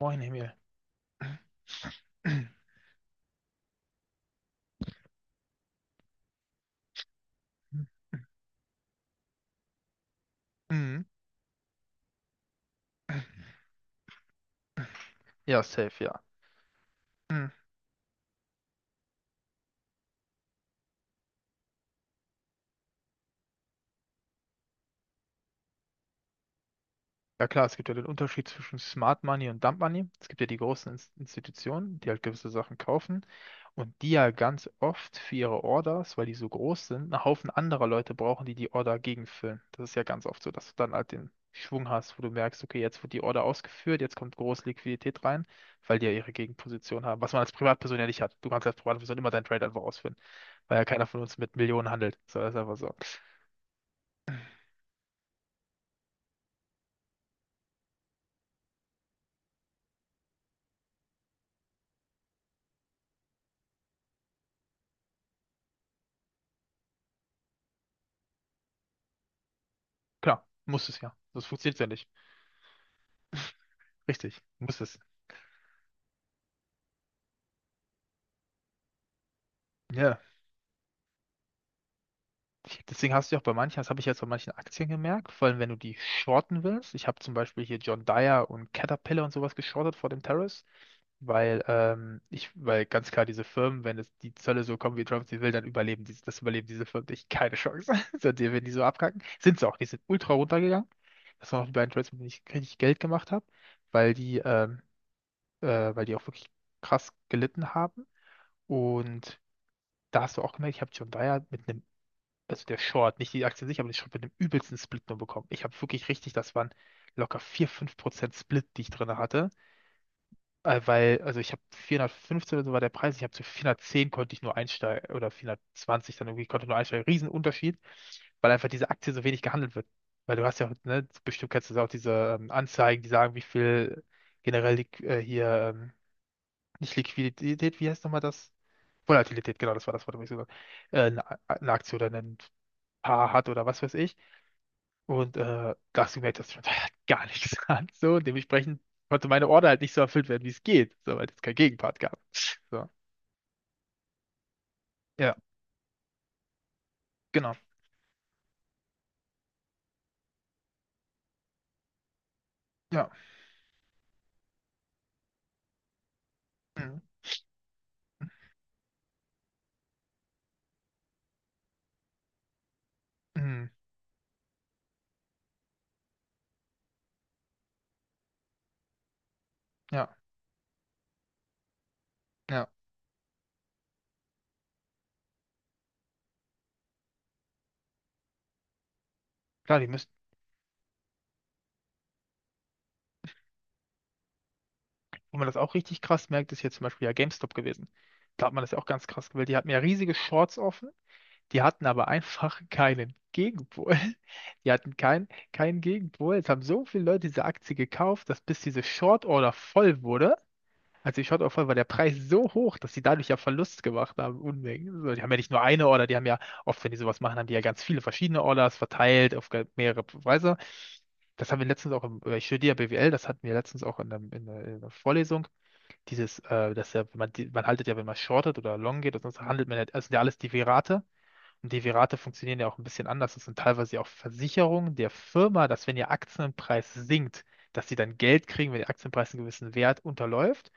Moin Emil. Mhm. Ja, safe, ja. Mhm. Ja klar, es gibt ja den Unterschied zwischen Smart Money und Dump Money. Es gibt ja die großen Institutionen, die halt gewisse Sachen kaufen und die ja ganz oft für ihre Orders, weil die so groß sind, einen Haufen anderer Leute brauchen, die die Order gegenfüllen. Das ist ja ganz oft so, dass du dann halt den Schwung hast, wo du merkst, okay, jetzt wird die Order ausgeführt, jetzt kommt große Liquidität rein, weil die ja ihre Gegenposition haben, was man als Privatperson ja nicht hat. Du kannst als Privatperson immer deinen Trade einfach ausführen, weil ja keiner von uns mit Millionen handelt. So, das ist einfach so. Klar, muss es ja. Sonst funktioniert es ja nicht. Richtig, muss es. Ja. Deswegen hast du ja auch bei manchen, das habe ich jetzt bei manchen Aktien gemerkt, vor allem wenn du die shorten willst. Ich habe zum Beispiel hier John Deere und Caterpillar und sowas geschortet vor dem Terrace, weil weil ganz klar diese Firmen, wenn es die Zölle so kommen, wie Trump sie will, dann das überleben diese Firmen nicht. Keine Chance. So, die, wenn die so abkacken, sind sie auch. Die sind ultra runtergegangen. Das waren auch die beiden Trades, mit denen ich richtig Geld gemacht habe, weil äh, weil die auch wirklich krass gelitten haben. Und da hast du auch gemerkt, ich habe John Deere mit einem also der Short, nicht die Aktie sich, aber die Short mit dem übelsten Split nur bekommen. Ich habe wirklich richtig, das waren locker 4 5% Split, die ich drin hatte. Weil, also ich habe 415 oder so war der Preis, ich habe zu 410 konnte ich nur einsteigen, oder 420 dann irgendwie, konnte nur einsteigen. Riesenunterschied, weil einfach diese Aktie so wenig gehandelt wird. Weil du hast ja, ne, bestimmt kennst du auch diese Anzeigen, die sagen, wie viel generell nicht Liquidität, wie heißt nochmal das? Volatilität, genau, das war das Wort, was ich gesagt habe. Eine Aktie oder ein Paar hat oder was weiß ich. Und das gemerkt, das schmeckt halt gar nichts an. So, und dementsprechend konnte meine Order halt nicht so erfüllt werden, wie es geht, so, weil es kein Gegenpart gab. So. Ja, genau. Ja. Mhm. Mhm. Ja, ja. Klar, die müssen, wo man das auch richtig krass merkt, ist hier zum Beispiel ja GameStop gewesen. Da hat man das ja auch ganz krass gewählt. Die hatten ja riesige Shorts offen, die hatten aber einfach keinen Gegenpol. Die hatten keinen Gegenpol. Es haben so viele Leute diese Aktie gekauft, dass bis diese Short-Order voll wurde, also ich hatte auch voll, war der Preis so hoch, dass die dadurch ja Verlust gemacht haben, Unmengen. Also die haben ja nicht nur eine Order, die haben ja oft, wenn die sowas machen, haben die ja ganz viele verschiedene Orders verteilt auf mehrere Weise. Das haben wir letztens auch im, ich studiere ja BWL, das hatten wir letztens auch in einer Vorlesung. Dass ja, wenn man, man haltet ja, wenn man shortet oder long geht, sonst handelt man ja, das sind ja alles Derivate. Und Derivate funktionieren ja auch ein bisschen anders. Das sind teilweise ja auch Versicherungen der Firma, dass wenn ihr Aktienpreis sinkt, dass sie dann Geld kriegen, wenn der Aktienpreis einen gewissen Wert unterläuft.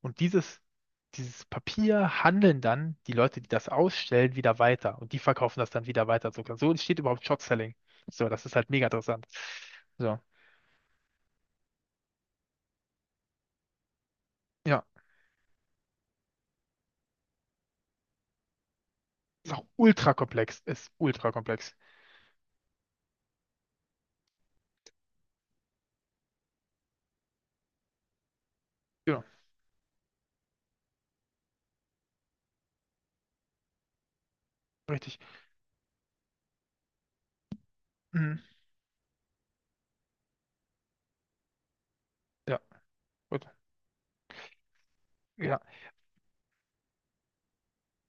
Und dieses Papier handeln dann die Leute, die das ausstellen, wieder weiter. Und die verkaufen das dann wieder weiter. So, so entsteht überhaupt Short Selling. So, das ist halt mega interessant. So, ja, ist auch ultra komplex. Ist ultra komplex. Ja, richtig. Mhm. Ja, gut. Ja,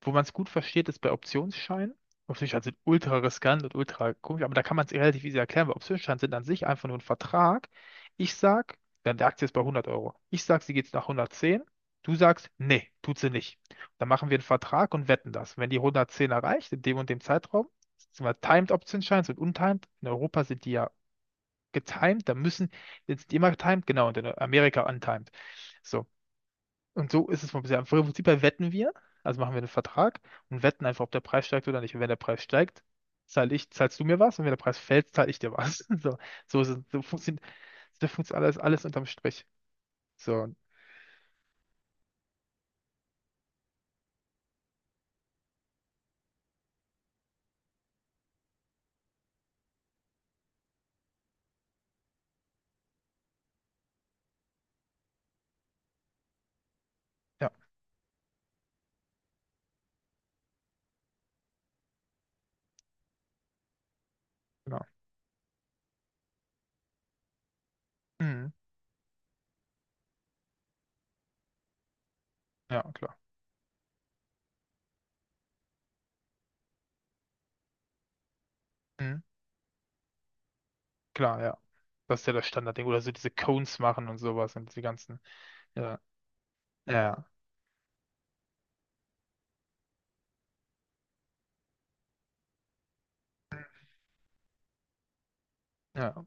wo man es gut versteht, ist bei Optionsscheinen. Optionsscheine sind ultra riskant und ultra komisch, aber da kann man es relativ easy erklären, weil Optionsscheine sind an sich einfach nur ein Vertrag. Ich sag, dann die Aktie ist bei 100 Euro. Ich sag, sie geht nach 110. Du sagst, nee, tut sie nicht. Dann machen wir einen Vertrag und wetten das. Wenn die 110 erreicht, in dem und dem Zeitraum, das sind wir Timed Optionsscheine und untimed. In Europa sind die ja getimed, da müssen, sind die immer getimed, genau, und in Amerika untimed. So, und so ist es vom bisher. Im Prinzip her wetten wir, also machen wir einen Vertrag und wetten einfach, ob der Preis steigt oder nicht. Und wenn der Preis steigt, zahlst du mir was und wenn der Preis fällt, zahl ich dir was. So, so ist es, so funktioniert alles, alles unterm Strich. So, ja, genau. Mhm. Ja, klar. Mhm. Klar, ja. Das ist ja das Standardding. Oder so diese Cones machen und sowas und die ganzen. Ja, ja, ja. Ja.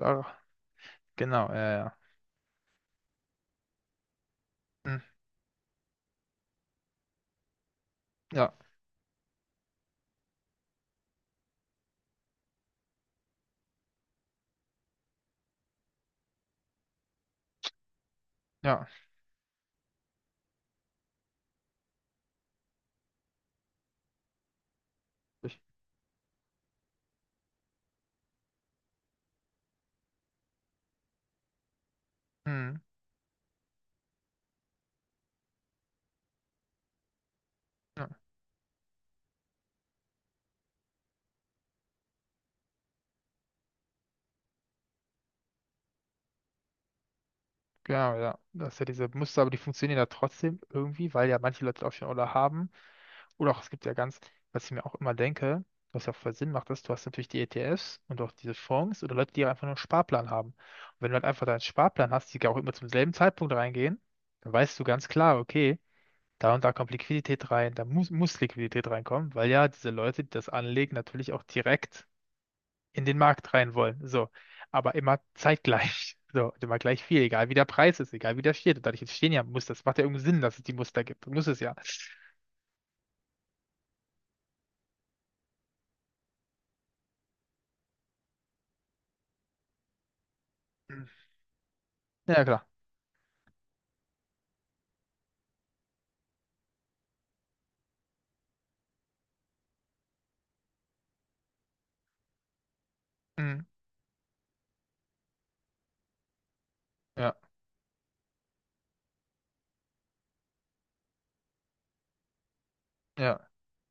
Ach, genau, ja, ja. Mhm. Ja, ja. Ich, mhm. Ja. Genau, ja. Das ist ja diese Muster, aber die funktionieren ja trotzdem irgendwie, weil ja manche Leute auch schon Oller haben. Oder auch, es gibt ja ganz, was ich mir auch immer denke, was ja auch voll Sinn macht, ist, du hast natürlich die ETFs und auch diese Fonds oder Leute, die einfach nur einen Sparplan haben. Und wenn du halt einfach deinen Sparplan hast, die auch immer zum selben Zeitpunkt reingehen, dann weißt du ganz klar, okay, da und da kommt Liquidität rein, muss Liquidität reinkommen, weil ja diese Leute, die das anlegen, natürlich auch direkt in den Markt rein wollen. So. Aber immer zeitgleich. So, und immer gleich viel, egal wie der Preis ist, egal wie der steht. Und dadurch entstehen ja Muster. Es macht ja irgendeinen Sinn, dass es die Muster gibt. Muss es ja. Mhm. Ja, klar. Mhm. Ja, ja,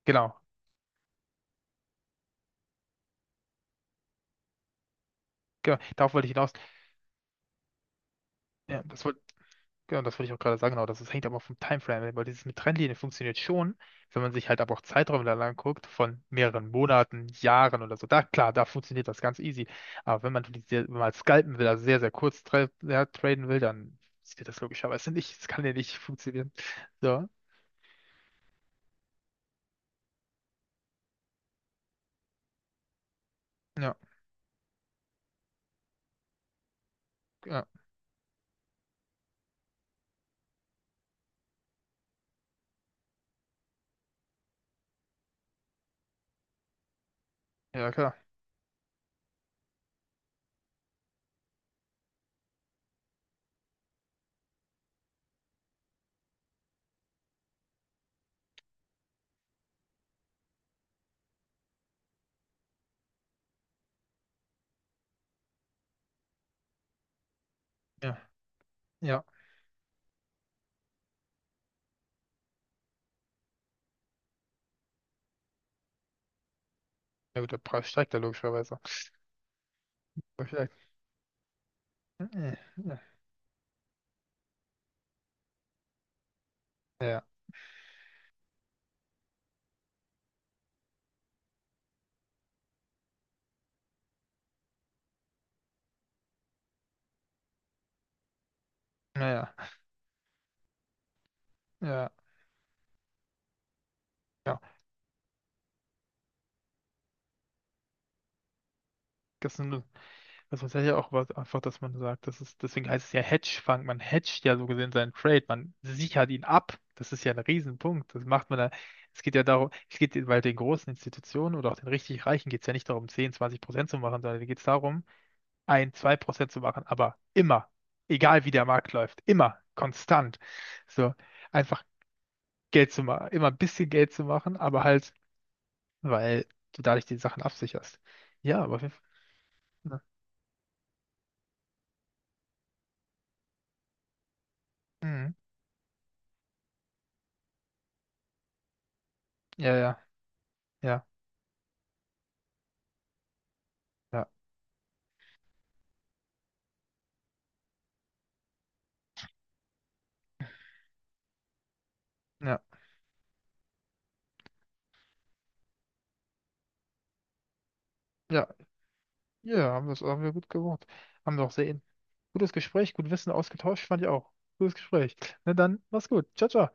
genau. Genau. Darauf wollte ich hinaus. Ja, das wollte Genau, das wollte ich auch gerade sagen, genau, das hängt aber vom Timeframe ab, weil dieses mit Trennlinie funktioniert schon, wenn man sich halt aber auch Zeiträume da lang guckt, von mehreren Monaten, Jahren oder so, da, klar, da funktioniert das ganz easy, aber wenn man, wenn man halt scalpen will, also sehr, sehr kurz traden will, dann funktioniert das logischerweise nicht, das kann ja nicht funktionieren. So, ja, ja, ja, klar, ja, ja, ja gut, der Preis steigt ja logischerweise. Aber vielleicht, ja, ja, naja, ja, ja, ja, das sind also das ist ja auch was, einfach, dass man sagt, das ist, deswegen heißt es ja Hedgefonds. Man hedgt ja so gesehen seinen Trade, man sichert ihn ab. Das ist ja ein Riesenpunkt. Das macht man da. Es geht ja darum, weil den großen Institutionen oder auch den richtig Reichen geht es ja nicht darum, 10, 20% zu machen, sondern geht es darum, 1, 2% zu machen, aber immer, egal wie der Markt läuft, immer, konstant. So, einfach Geld zu machen, immer ein bisschen Geld zu machen, aber halt, weil du dadurch die Sachen absicherst. Ja, aber auf jeden Fall. Ne? Mhm. Ja, ja, ja, ja. Ja. Ja, ja, ja, haben wir gut gemacht. Haben wir auch sehr gutes Gespräch, gut Wissen ausgetauscht, fand ich auch. Gutes Gespräch. Na dann, mach's gut. Ciao, ciao.